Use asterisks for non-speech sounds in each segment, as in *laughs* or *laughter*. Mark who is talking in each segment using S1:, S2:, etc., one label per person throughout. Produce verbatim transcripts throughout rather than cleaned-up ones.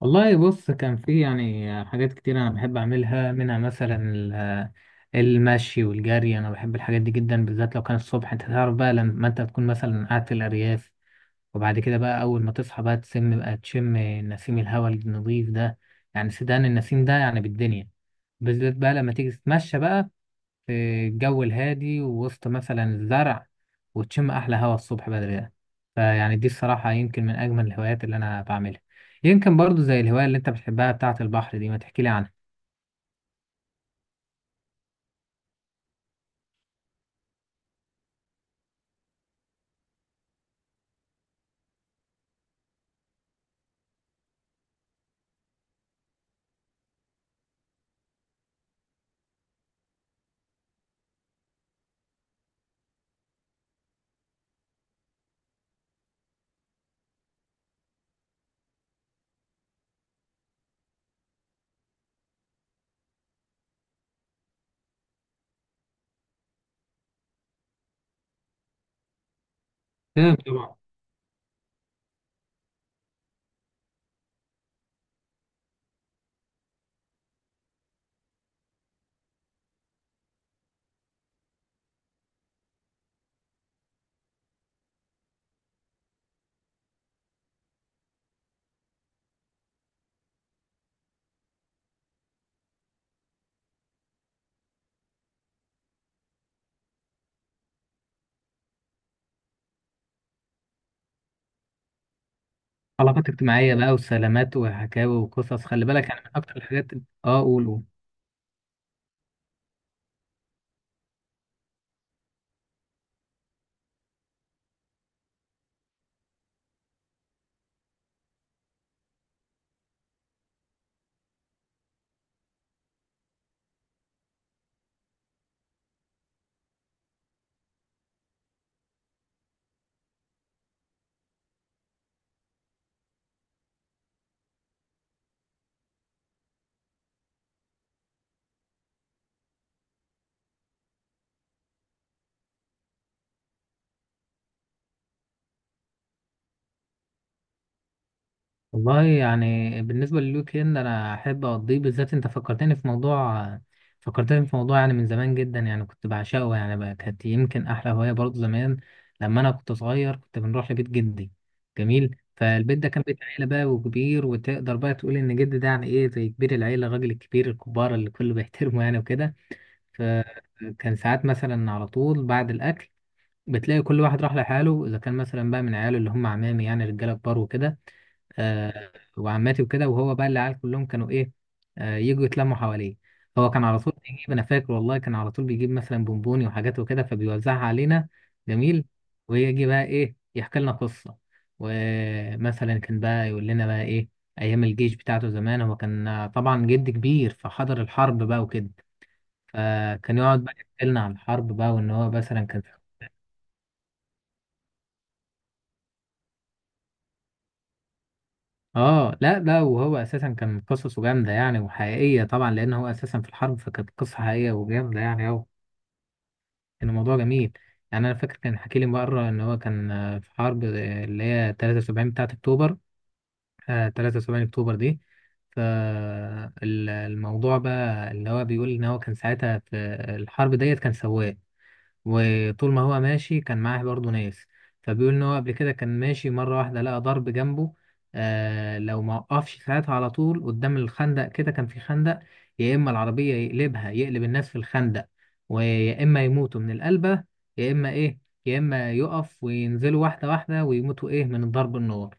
S1: والله بص كان في يعني حاجات كتير انا بحب اعملها منها مثلا ال- المشي والجري. انا بحب الحاجات دي جدا، بالذات لو كان الصبح. انت تعرف بقى لما انت تكون مثلا قاعد في الارياف وبعد كده بقى اول ما تصحى بقى تسم بقى تشم نسيم الهواء النظيف ده، يعني سدان النسيم ده يعني بالدنيا، بالذات بقى لما تيجي تتمشى بقى في الجو الهادي ووسط مثلا الزرع وتشم أحلى هوا الصبح بدري ده. فيعني دي الصراحة يمكن من أجمل الهوايات اللي أنا بعملها. يمكن برضو زي الهواية اللي أنت بتحبها بتاعة البحر دي، ما تحكيلي عنها. تمام طبعا. علاقات اجتماعية بقى وسلامات وحكاوي وقصص، خلي بالك، يعني من أكتر الحاجات. آه قول قول. والله يعني بالنسبة للويك اند أنا أحب أقضيه. بالذات أنت فكرتني في موضوع، فكرتني في موضوع يعني من زمان جدا، يعني كنت بعشقه يعني بقى، كانت يمكن أحلى هواية برضه زمان لما أنا كنت صغير، كنت بنروح لبيت جدي. جميل. فالبيت ده كان بيت عيلة بقى وكبير، وتقدر بقى تقول إن جدي ده يعني إيه زي كبير العيلة، الراجل الكبير الكبار اللي كله *laughs* بيحترمه يعني وكده. فكان ساعات مثلا على طول بعد الأكل بتلاقي كل واحد راح لحاله، إذا كان مثلا بقى من عياله اللي هم عمامي يعني رجالة كبار وكده، آه، وعماتي وكده. وهو بقى العيال كلهم كانوا ايه، آه، يجوا يتلموا حواليه. هو كان على طول بيجيب، انا فاكر والله كان على طول بيجيب مثلا بونبوني وحاجات وكده فبيوزعها علينا. جميل. ويجي بقى ايه يحكي لنا قصة، ومثلا كان بقى يقول لنا بقى ايه ايام الجيش بتاعته زمان. هو كان طبعا جد كبير فحضر الحرب بقى وكده، فكان يقعد بقى يحكي لنا عن الحرب بقى وان هو مثلا كان. اه لا ده وهو اساسا كان قصصه جامده يعني وحقيقيه طبعا لان هو اساسا في الحرب، فكانت قصه حقيقيه وجامده يعني، او كان الموضوع جميل يعني. انا فاكر كان حكي لي مره ان هو كان آه، في حرب آه، اللي هي ثلاثة وسبعين بتاعه اكتوبر، آه ثلاثة وسبعين اكتوبر دي. فالموضوع بقى اللي هو بيقول ان هو كان ساعتها في الحرب ديت كان سواق، وطول ما هو ماشي كان معاه برضه ناس. فبيقول ان هو قبل كده كان ماشي مره واحده لقى ضرب جنبه. آه لو ما وقفش ساعتها على طول قدام الخندق، كده كان في خندق، يا اما العربيه يقلبها يقلب الناس في الخندق ويا اما يموتوا من القلبه، يا اما ايه، يا اما يقف وينزلوا واحده واحده ويموتوا ايه من ضرب النار.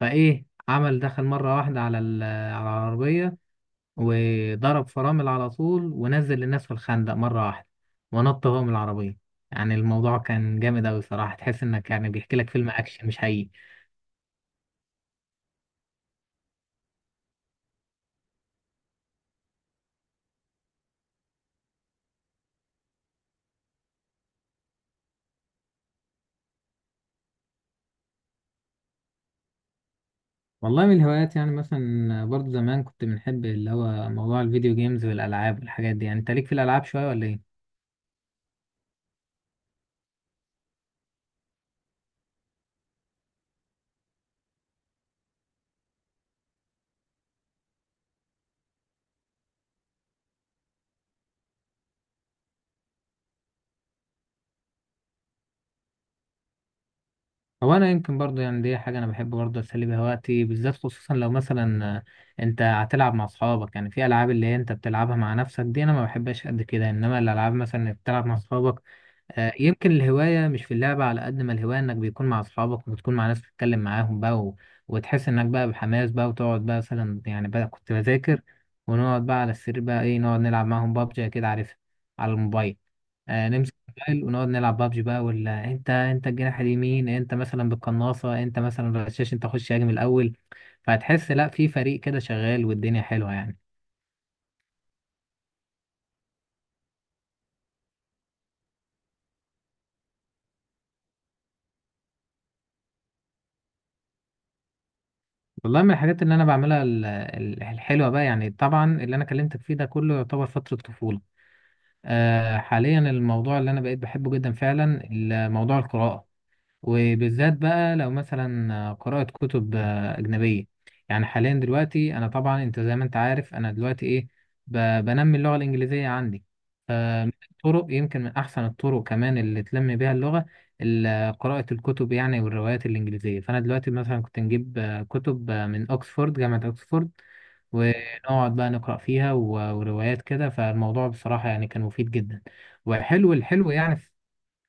S1: فايه عمل دخل مره واحده على ال- على العربيه وضرب فرامل على طول ونزل الناس في الخندق مرة واحدة ونط هو من العربية. يعني الموضوع كان جامد أوي صراحة، تحس إنك يعني بيحكي لك فيلم أكشن مش حقيقي. والله من الهوايات يعني مثلا برضو زمان كنت بنحب اللي هو موضوع الفيديو جيمز والألعاب والحاجات دي. يعني أنت ليك في الألعاب شوية ولا إيه؟ هو انا يمكن برضو يعني دي حاجه انا بحب برضو اسلي بيها وقتي، بالذات خصوصا لو مثلا آه، انت هتلعب مع اصحابك. يعني في العاب اللي هي انت بتلعبها مع نفسك دي انا ما بحبهاش قد كده، انما الالعاب مثلا اللي بتلعب مع اصحابك، آه، يمكن الهوايه مش في اللعبه على قد ما الهوايه انك بيكون مع اصحابك وبتكون مع ناس بتتكلم معاهم بقى، و... وتحس انك بقى بحماس بقى، وتقعد بقى مثلا يعني بقى كنت بذاكر، ونقعد بقى على السرير بقى ايه، نقعد نلعب معاهم بابجي كده، عارف، على الموبايل. آه، نمسك الموبايل ونقعد نلعب بابجي بقى، ولا انت، انت الجناح اليمين، انت مثلا بالقناصة، انت مثلا بالرشاش، انت خش هاجم الاول. فهتحس لا في فريق كده شغال والدنيا حلوة يعني. والله من الحاجات اللي انا بعملها ال- ال- الحلوة بقى، يعني طبعا اللي انا كلمتك فيه ده كله يعتبر فترة طفولة. آه، حاليا الموضوع اللي انا بقيت بحبه جدا فعلا ال- موضوع القراءة، وبالذات بقى لو مثلا قراءة كتب آه، أجنبية. يعني حاليا دلوقتي أنا طبعا، أنت زي ما أنت عارف، أنا دلوقتي إيه، ب- بنمي اللغة الإنجليزية عندي. فمن الطرق يمكن من أحسن الطرق كمان اللي تنمي بيها اللغة ال- قراءة الكتب يعني والروايات الإنجليزية. فأنا دلوقتي مثلا كنت نجيب آه، كتب آه، من أكسفورد، جامعة أكسفورد، ونقعد بقى نقرأ فيها و- وروايات كده. فالموضوع بصراحة يعني كان مفيد جدا، وحلو الحلو يعني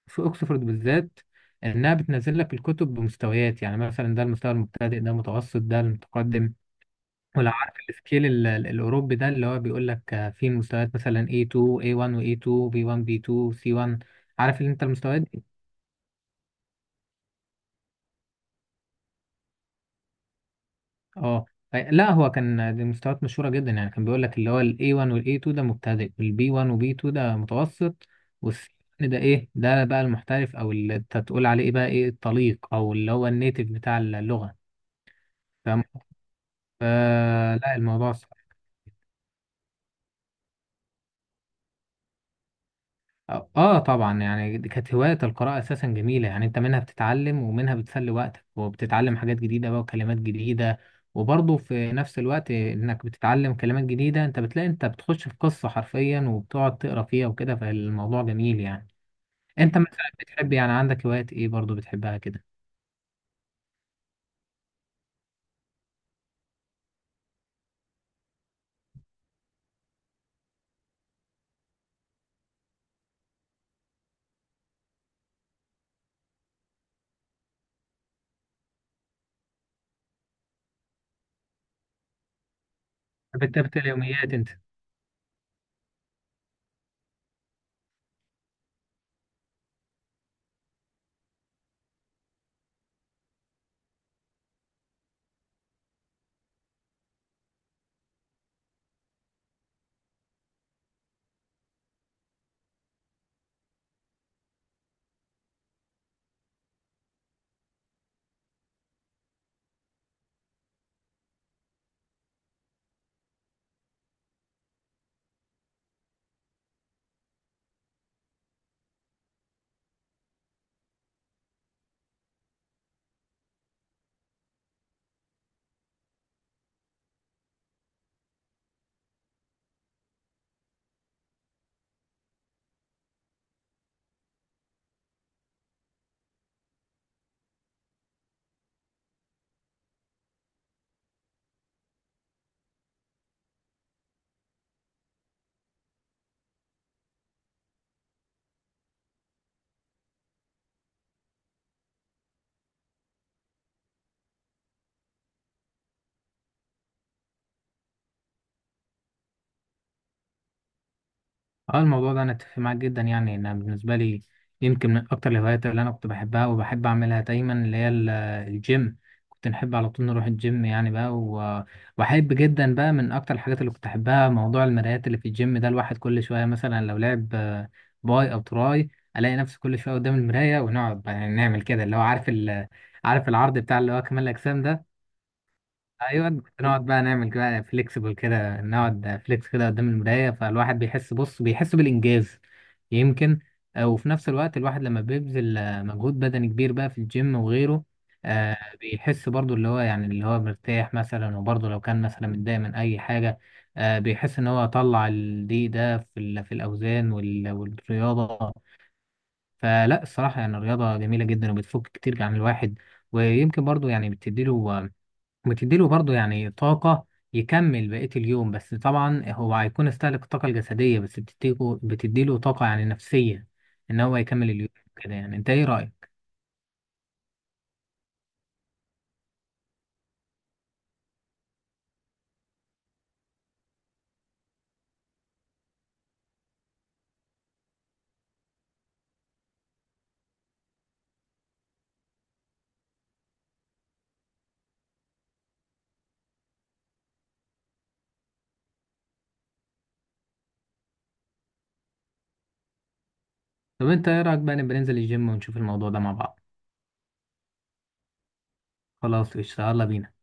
S1: في اوكسفورد بالذات، انها بتنزل لك الكتب بمستويات. يعني مثلا ده المستوى المبتدئ، ده المتوسط، ده المتقدم. ولو عارف السكيل ال- ال- الاوروبي ده، اللي هو بيقول لك آه، في مستويات مثلا إيه تو إيه وان و إيه تو بي وان B two سي وان. عارف اللي انت المستويات دي؟ اه ف- لا هو كان دي مستويات مشهوره جدا يعني، كان بيقول لك اللي هو ال إيه وان وال إيه تو ده مبتدئ، وال B one و بي تو ده متوسط، وال سي وان ده ايه ده بقى المحترف، او اللي انت تقول عليه ايه بقى ايه الطليق، او اللي هو النيتيف بتاع اللغه. فلا الموضوع صح. اه آه طبعا يعني دي كانت هواية القراءة اساسا جميلة، يعني انت منها بتتعلم ومنها بتسلي وقتك وبتتعلم حاجات جديدة بقى وكلمات جديدة. وبرضه في نفس الوقت انك بتتعلم كلمات جديدة، انت بتلاقي انت بتخش في قصة حرفيا وبتقعد تقرا فيها وكده، فالموضوع جميل يعني. انت مثلا بتحب يعني عندك هوايات ايه برضه بتحبها كده؟ بتكتب اليوميات انت؟ اه الموضوع ده انا اتفق معاك جدا يعني. انا بالنسبه لي يمكن من اكتر الهوايات اللي انا كنت بحبها وبحب اعملها دايما اللي هي ال- الجيم. كنت نحب على طول نروح الجيم يعني بقى، و- واحب جدا بقى من اكتر الحاجات اللي كنت احبها موضوع المرايات اللي في الجيم ده. الواحد كل شويه مثلا لو لعب آه، باي او تراي الاقي نفسي كل شويه قدام المرايه، ونقعد بقى يعني نعمل كده، اللي هو عارف ال- آه، عارف العرض بتاع اللي هو كمال الاجسام ده. ايوه كنت نقعد بقى نعمل كده فليكسبل كده، نقعد فليكس كده قدام المرايه، فالواحد بيحس، بص بيحس بالانجاز يمكن. آه، وفي نفس الوقت الواحد لما بيبذل آه، مجهود بدني كبير بقى في الجيم وغيره، آه، بيحس برضو اللي هو يعني اللي هو مرتاح مثلا. وبرضو لو كان مثلا متضايق من اي حاجه، آه، بيحس ان هو طلع الضيق ده في ال- في الاوزان وال- والرياضه. فلا الصراحه يعني الرياضه جميله جدا وبتفك كتير عن الواحد، ويمكن برضو يعني بتديله، وتديله برضه يعني طاقة يكمل بقية اليوم. بس طبعا هو هيكون استهلك الطاقة الجسدية، بس بتديله بتديله طاقة يعني نفسية إن هو يكمل اليوم كده يعني. أنت إيه رأيك؟ طب أنت إيه رأيك بقى نبقى ننزل الجيم ونشوف الموضوع ده مع بعض؟ خلاص قشطة، يلا بينا.